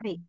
はい、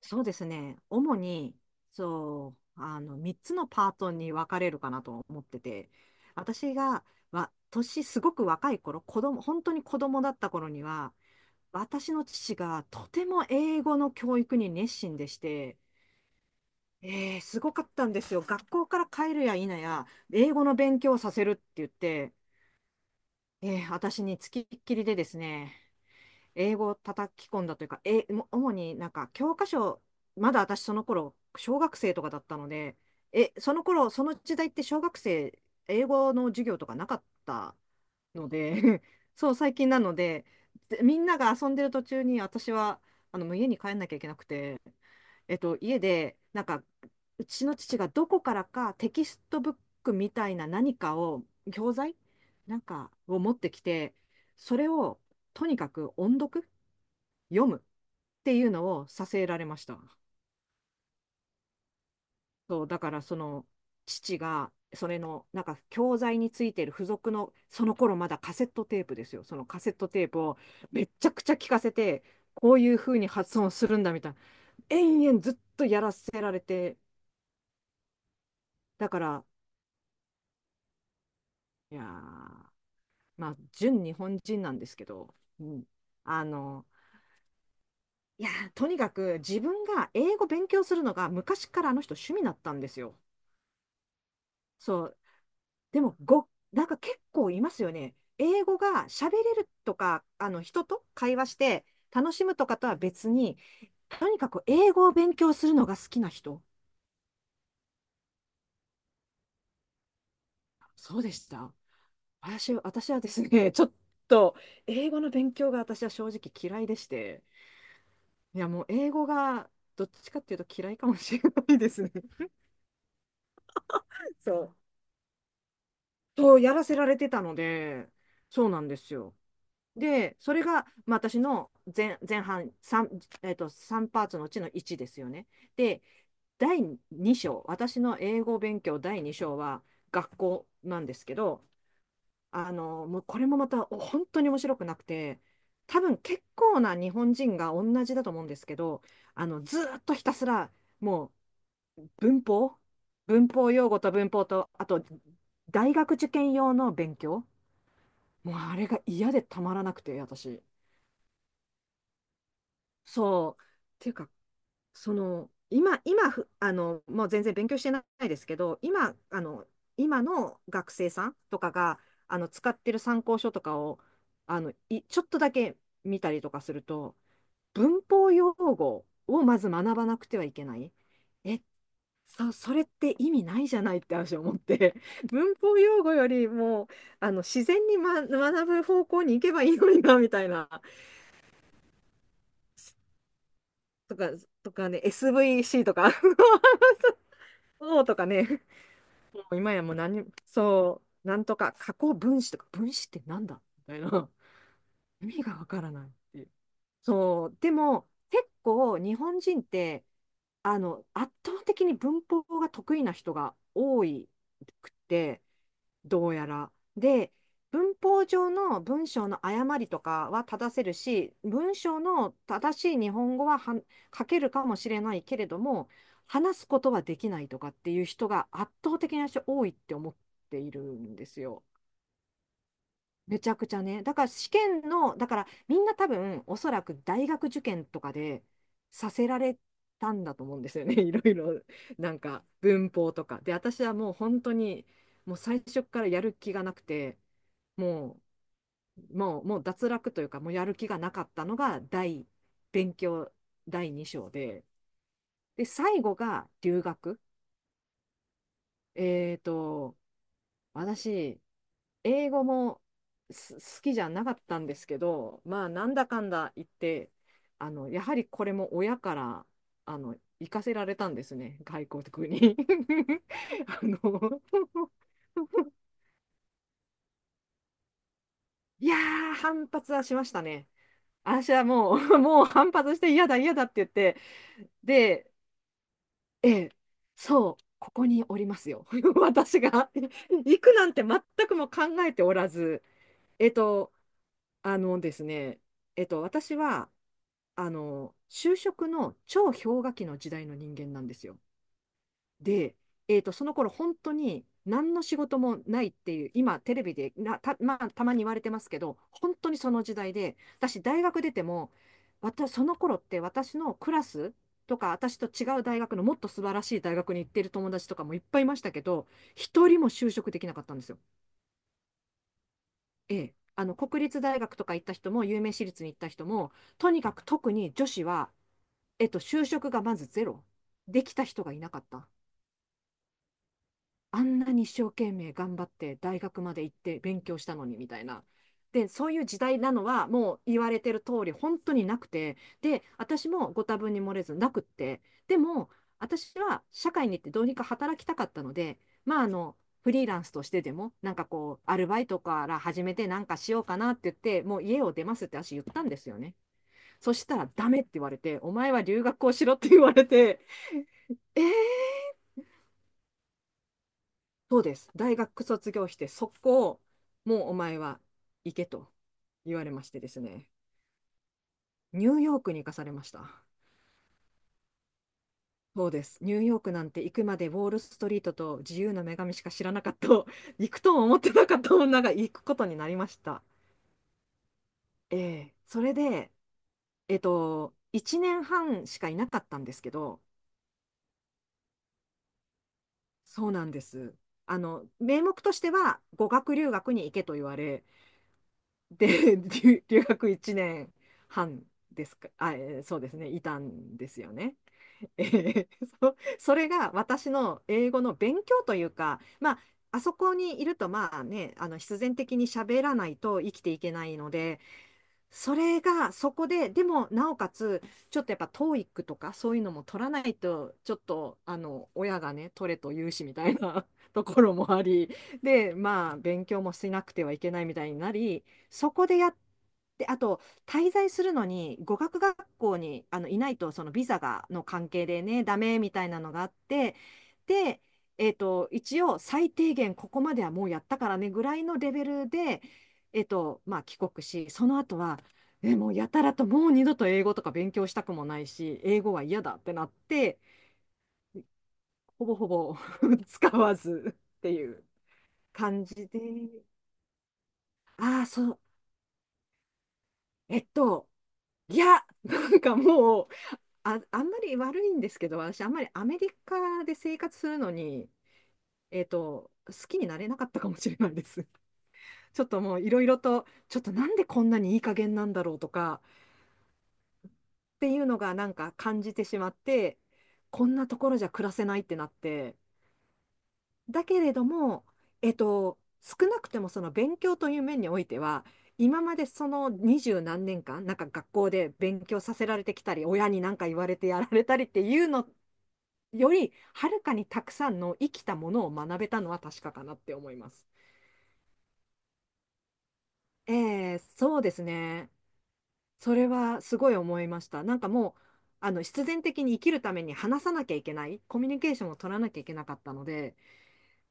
そうですね。主に、3つのパートに分かれるかなと思ってて、私が、わ、年すごく若い頃、本当に子供だった頃には、私の父がとても英語の教育に熱心でして、すごかったんですよ。学校から帰るや否や、英語の勉強をさせるって言って、私につきっきりでですね、英語を叩き込んだというか、主になんか教科書、まだ私その頃、小学生とかだったので、その頃、その時代って小学生、英語の授業とかなかったので、そう、最近なので、でみんなが遊んでる途中に私は、もう家に帰んなきゃいけなくて、家で、うちの父がどこからかテキストブックみたいな何かを、教材なんかを持ってきて、それをとにかく音読読むっていうのをさせられました。そう、だからその父が、それのなんか教材についてる付属の、その頃まだカセットテープですよ。そのカセットテープをめっちゃくちゃ聞かせて、こういう風に発音するんだみたいな、延々ずっとやらせられて、だから、いやー、まあ、純日本人なんですけど、うん、あの、とにかく自分が英語勉強するのが昔からあの人趣味だったんですよ。そうでも、ご、なんか結構いますよね。英語が喋れるとか、人と会話して楽しむとかとは別に、とにかく英語を勉強するのが好きな人。そうでした。私はですね、ちょっと英語の勉強が私は正直嫌いでして、いやもう英語がどっちかっていうと嫌いかもしれないですね。そう。そうやらせられてたので、そうなんですよ。で、それが、まあ、私の前、前半 3、 3パーツのうちの1ですよね。で、第2章、私の英語勉強第2章は学校なんですけど、もうこれもまた本当に面白くなくて、多分結構な日本人が同じだと思うんですけど、ずーっとひたすらも文法、文法用語と文法と、あと大学受験用の勉強、もうあれが嫌でたまらなくて、私。そう。っていうか、今、ふあの、もう全然勉強してないですけど、今の学生さんとかが、使ってる参考書とかを、ちょっとだけ見たりとかすると、文法用語をまず学ばなくてはいけない。え、それって意味ないじゃないって私思って、文法用語よりも、自然に、学ぶ方向に行けばいいのにな、みたいな。とか、とかね、SVC とか そうとかね、もう今やもう何に、そう、なんとか、加工分子とか、分子ってなんだみたいな、意味がわからないっていう。そう、でも、結構、日本人って、圧倒的に文法が得意な人が多いくって、どうやら。で、文法上の文章の誤りとかは正せるし、文章の正しい日本語は書けるかもしれないけれども、話すことはできないとかっていう人が圧倒的な人多いって思っているんですよ。めちゃくちゃね。だから試験の、だからみんな多分おそらく大学受験とかでさせられたんだと思うんですよね。いろいろなんか文法とか。で、私はもう本当にもう最初からやる気がなくて。ももう脱落というか、もうやる気がなかったのが勉強第2章で、で、最後が留学。えっと、私、英語も好きじゃなかったんですけど、まあ、なんだかんだ言って、やはりこれも親から、行かせられたんですね、外国に。あのいやー、反発はしましたね。私はもう、もう反発して嫌だ嫌だって言って、で、ええ、そう、ここにおりますよ。私が 行くなんて全くも考えておらず、えっと、あのですね、えっと、私は、あの、就職の超氷河期の時代の人間なんですよ。で、その頃本当に何の仕事もないっていう、今テレビでまあ、たまに言われてますけど、本当にその時代で、私大学出ても、私その頃って私のクラスとか、私と違う大学のもっと素晴らしい大学に行ってる友達とかもいっぱいいましたけど、一人も就職できなかったんですよ。ええ。あの国立大学とか行った人も、有名私立に行った人も、とにかく特に女子は、就職がまずゼロ。できた人がいなかった。あんなに一生懸命頑張って大学まで行って勉強したのにみたいな。で、そういう時代なのはもう言われてる通り本当になくて、で、私もご多分に漏れずなくって、でも私は社会に行ってどうにか働きたかったので、まああの、フリーランスとしてでも、アルバイトから始めてなんかしようかなって言って、もう家を出ますって私言ったんですよね。そしたらダメって言われて、お前は留学をしろって言われて、えーそうです。大学卒業して、そこを、もうお前は行けと言われましてですね。ニューヨークに行かされました。そうです。ニューヨークなんて行くまでウォールストリートと自由の女神しか知らなかった、行くとも思ってなかった女が行くことになりました。ええ、それで、えっと、1年半しかいなかったんですけど、そうなんです。名目としては語学留学に行けと言われ、で、留学1年半ですか、そうですね、いたんですよね。えーそれが私の英語の勉強というか、まあ、あそこにいると、まあね、必然的に喋らないと生きていけないので、それがそこで、でもなおかつ、ちょっとやっぱトーイックとかそういうのも取らないと、ちょっと親がね、取れと言うしみたいな ところもあり、で、まあ、勉強もしなくてはいけないみたいになり、そこでやって、あと、滞在するのに語学学校にいないと、そのビザがの関係でね、ダメみたいなのがあって、で、一応、最低限ここまではもうやったからねぐらいのレベルで、まあ、帰国し、その後はもうやたらともう二度と英語とか勉強したくもないし、英語は嫌だってなって、ほぼほぼ 使わずっていう感じで。ああ、そう、えっと、いや、なんかもう、あんまり悪いんですけど、私、あんまりアメリカで生活するのに、好きになれなかったかもしれないです。ちょっともういろいろと、ちょっとなんでこんなにいい加減なんだろうとか、っていうのがなんか感じてしまって、こんなところじゃ暮らせないってなって、だけれども、少なくてもその勉強という面においては、今までその二十何年間、なんか学校で勉強させられてきたり、親に何か言われてやられたりっていうのより、はるかにたくさんの生きたものを学べたのは確かかなって思います。えー、そうですね。それはすごい思いました。なんかもう、必然的に生きるために話さなきゃいけない、コミュニケーションを取らなきゃいけなかったので、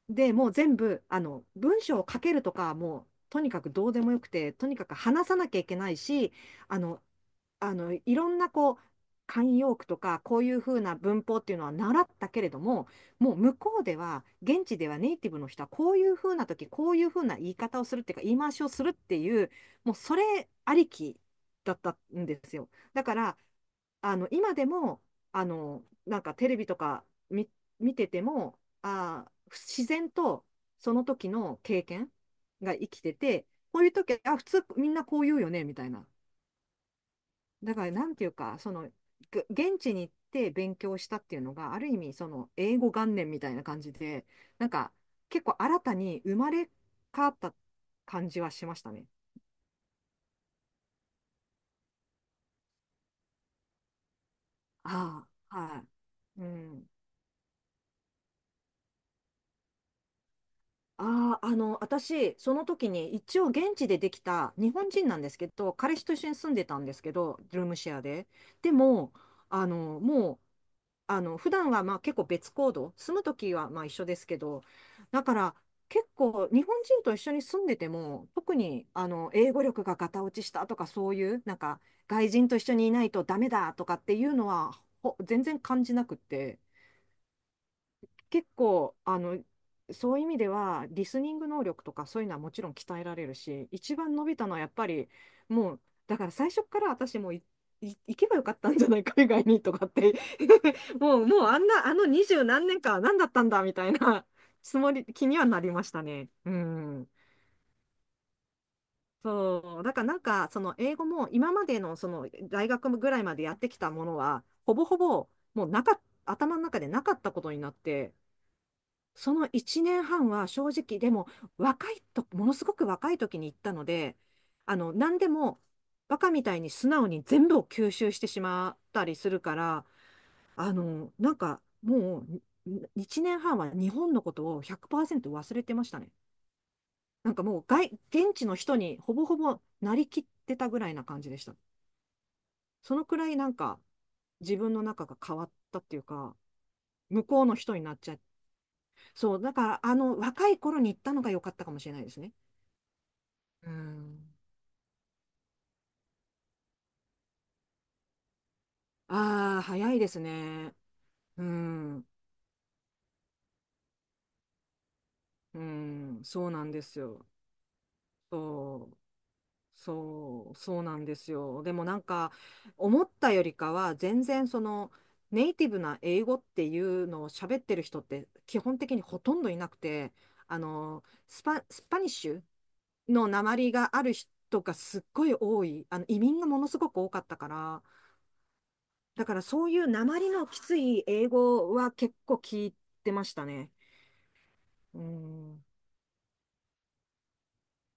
で、もう全部、文章を書けるとか、もう、とにかくどうでもよくて、とにかく話さなきゃいけないし、あの、いろんなこう、慣用句とか、こういうふうな文法っていうのは習ったけれども、もう向こうでは、現地ではネイティブの人は、こういうふうな時、こういうふうな言い方をするっていうか、言い回しをするっていう、もうそれありきだったんですよ。だから、今でも、なんかテレビとか見、見てても、あー、自然とその時の経験が生きてて、こういう時、あ、普通みんなこう言うよね、みたいな。だから、なんていうか、その、現地に行って勉強したっていうのが、ある意味、その、英語元年みたいな感じで、なんか、結構新たに生まれ変わった感じはしましたね。ああ、はい。うん。ああ、私、その時に、一応現地でできた日本人なんですけど、彼氏と一緒に住んでたんですけど、ルームシェアで。でも、あの、もう、あの、普段はまあ結構別行動、住むときはまあ一緒ですけど、だから結構日本人と一緒に住んでても、特に英語力がガタ落ちしたとかそういう、なんか外人と一緒にいないとダメだとかっていうのは、全然感じなくって、結構、そういう意味では、リスニング能力とかそういうのはもちろん鍛えられるし、一番伸びたのはやっぱり、もう、だから最初から私もう行けばよかったんじゃない、海外にとかって もう、もうあんな、あの二十何年間は何だったんだみたいなつもり、気にはなりましたね。うん。そう、だからなんか、その英語も今までのその大学ぐらいまでやってきたものは、ほぼほぼもうなかっ頭の中でなかったことになって、その1年半は正直、でも若いと、ものすごく若い時に行ったので、何でもバカみたいに素直に全部を吸収してしまったりするから、なんかもうに1年半は日本のことを100%忘れてましたね。なんかもう現地の人にほぼほぼなりきってたぐらいな感じでした。そのくらいなんか自分の中が変わったっていうか、向こうの人になっちゃっそう、だからあの若い頃に行ったのが良かったかもしれないですね。うん。ああ、早いですね。うん。うん。そうなんですよ。そう。そう。そうなんですよ。でもなんか、思ったよりかは、全然その、ネイティブな英語っていうのを喋ってる人って基本的にほとんどいなくて、スパニッシュの訛りがある人がすっごい多い。移民がものすごく多かったから、だからそういう訛りのきつい英語は結構聞いてましたね。うん、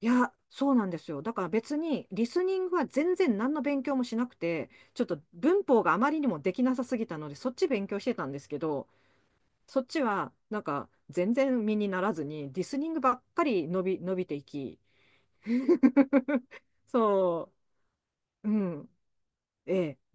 いや、そうなんですよ。だから別にリスニングは全然何の勉強もしなくて、ちょっと文法があまりにもできなさすぎたので、そっち勉強してたんですけど、そっちはなんか全然身にならずに、リスニングばっかり伸びていき、そう、うん、ええ